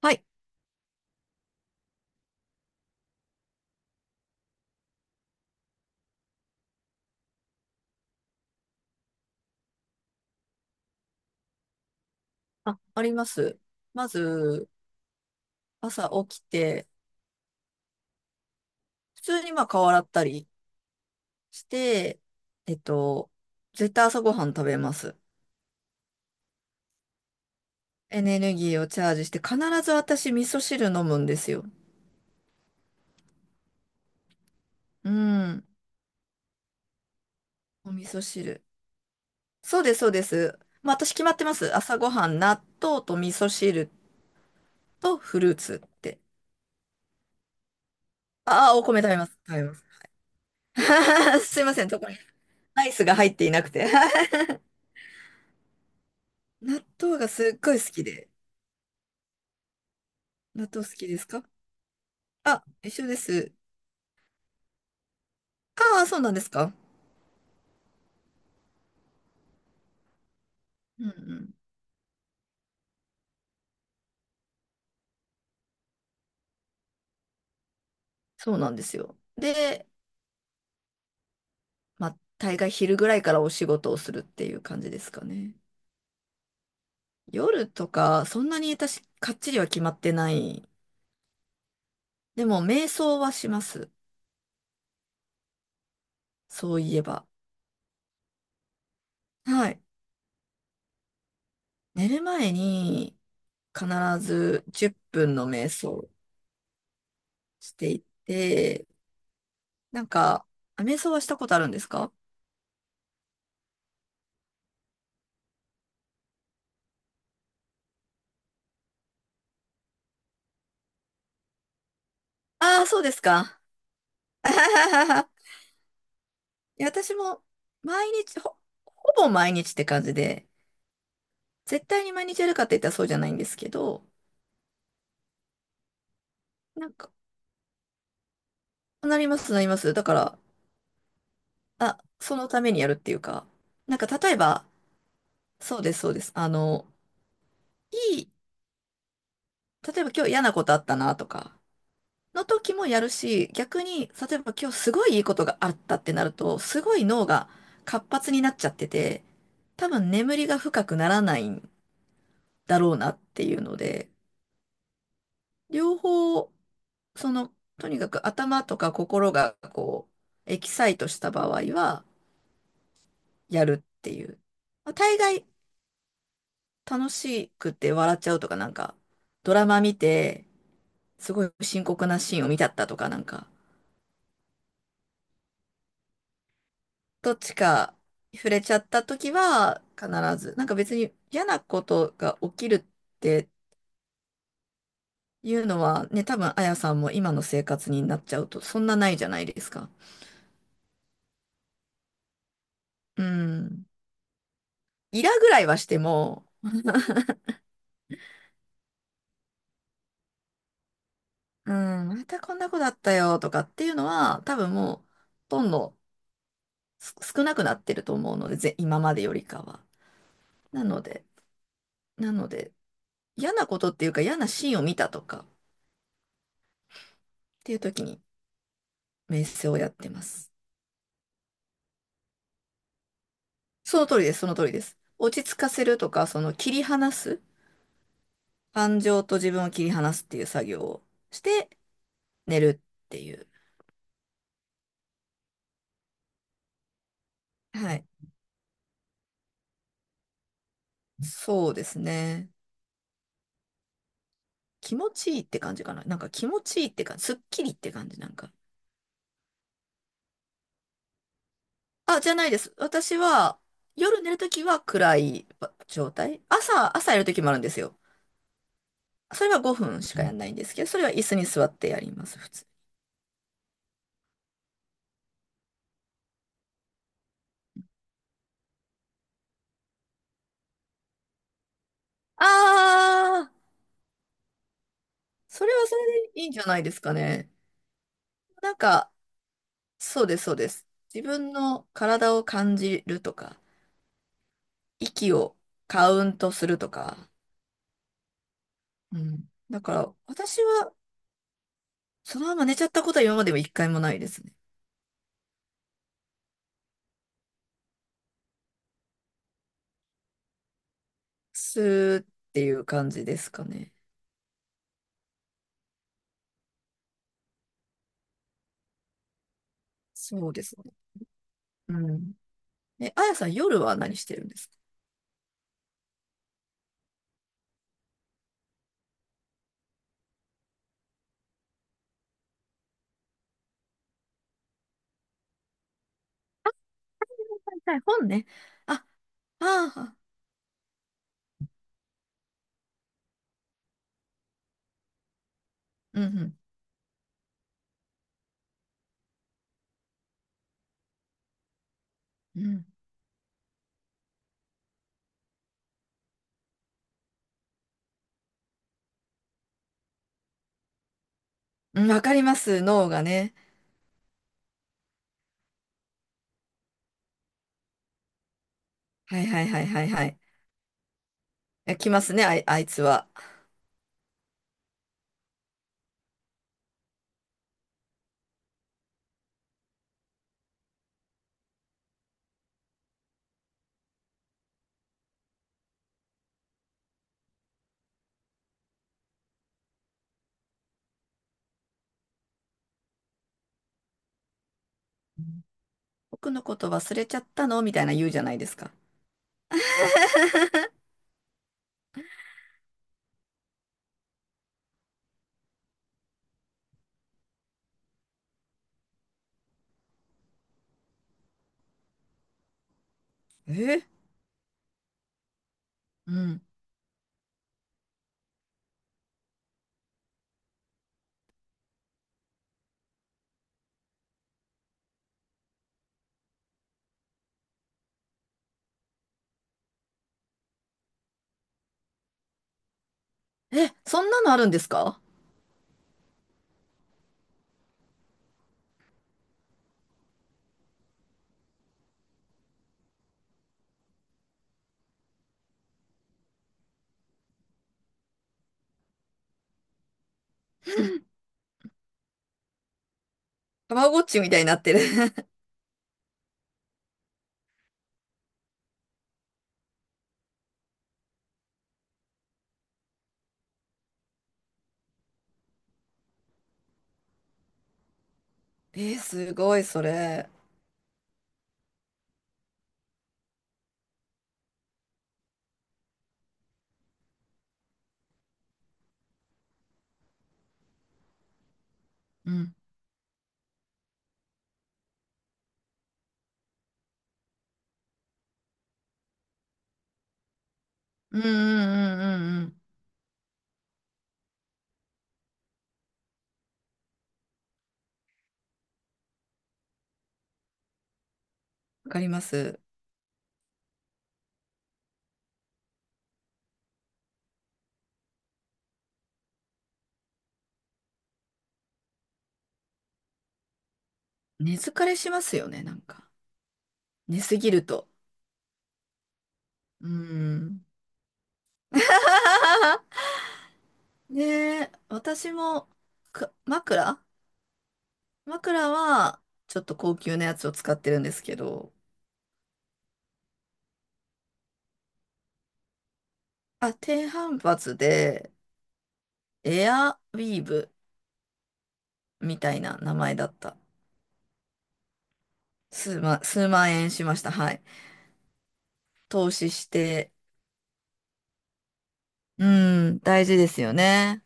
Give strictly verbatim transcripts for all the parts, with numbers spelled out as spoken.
はい。あ、あります。まず、朝起きて、普通にまあ顔洗ったりして、えっと、絶対朝ごはん食べます。エネルギーをチャージして、必ず私味噌汁飲むんですよ。うん。お味噌汁。そうです、そうです。まあ私決まってます。朝ごはん、納豆と味噌汁とフルーツって。ああ、お米食べます。食べます。すいません、そこにライスが入っていなくて。納豆がすっごい好きで。納豆好きですか？あ、一緒です。ああ、そうなんですか。うんうん。そうなんですよ。で、まあ、大概昼ぐらいからお仕事をするっていう感じですかね。夜とか、そんなに私、かっちりは決まってない。でも、瞑想はします。そういえば。はい。寝る前に、必ずじゅっぷんの瞑想していて、なんか、あ、瞑想はしたことあるんですか？ああー、そうですか。いや私も毎日、ほ、ほぼ毎日って感じで、絶対に毎日やるかって言ったらそうじゃないんですけど、なんか、なります、なります。だから、あ、そのためにやるっていうか、なんか例えば、そうです、そうです。あの、いい、例えば今日嫌なことあったなとか、の時もやるし、逆に、例えば今日すごいいいことがあったってなると、すごい脳が活発になっちゃってて、多分眠りが深くならないんだろうなっていうので、両方、その、とにかく頭とか心がこう、エキサイトした場合は、やるっていう。まあ、大概楽しくて笑っちゃうとか、なんか、ドラマ見て、すごい深刻なシーンを見ちゃったとか、なんか、どっちか触れちゃった時は、必ず、なんか別に嫌なことが起きるっていうのは、ね、多分、あやさんも今の生活になっちゃうと、そんなないじゃないですか。うん。イラぐらいはしても、うん、またこんな子だったよとかっていうのは、多分もう、どんどんす少なくなってると思うので、ぜ今までよりかは。なので、なので、嫌なことっていうか嫌なシーンを見たとかっていう時に、メッセをやってます。その通りです、その通りです。落ち着かせるとか、その切り離す、感情と自分を切り離すっていう作業をして、寝るっていう。はい。そうですね。気持ちいいって感じかな。なんか気持ちいいって感じ、すっきりって感じ、なんか。あ、じゃないです。私は、夜寝るときは暗い状態。朝、朝やるときもあるんですよ。それはごふんしかやんないんですけど、それは椅子に座ってやります、普通。ああ、それはそれでいいんじゃないですかね。なんか、そうです、そうです。自分の体を感じるとか、息をカウントするとか。うん。だから、私は、そのまま寝ちゃったことは今までも一回もないですね。スーっていう感じですかね。そうですね。うん。え、あやさん、夜は何してるんですか？はいはい、本ね。あ、ああ、うんうん、うん。うん、わかります、脳がね。はいはいはいはいはい。え、来ますね、あい、あいつは。うん、僕のこと忘れちゃったのみたいな言うじゃないですか。え、うん。え、そんなのあるんですか？たまごっちみたいになってる。 えー、すごい、それ。うん。うんうんうんうんうん。わかります。寝疲れしますよね、なんか。寝すぎると。うん。ねえ、私もく枕、枕はちょっと高級なやつを使ってるんですけど、あ、低反発でエアウィーブみたいな名前だった。数万、数万円しました。はい。投資して、うん、大事ですよね。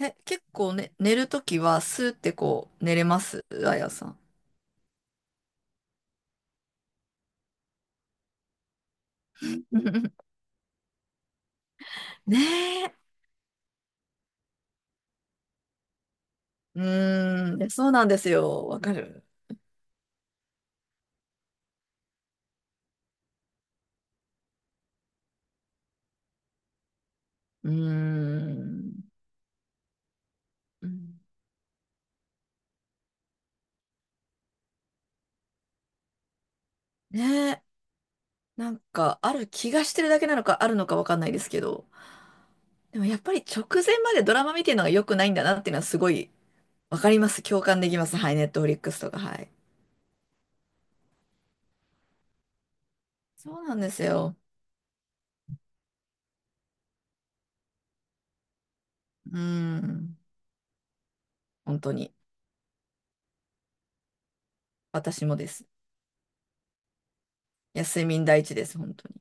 え、結構ね、寝るときはスーってこう寝れますあやさん？ねえ。うーん、いやそうなんですよ。わかる。うーん。うん、ねえ。なんか、ある気がしてるだけなのか、あるのかわかんないですけど、でもやっぱり直前までドラマ見てるのが良くないんだなっていうのはすごいわかります。共感できます。はい、ネットフリックスとか、はい。そうなんですよ。うーん。本当に。私もです。いや、睡眠第一です、本当に。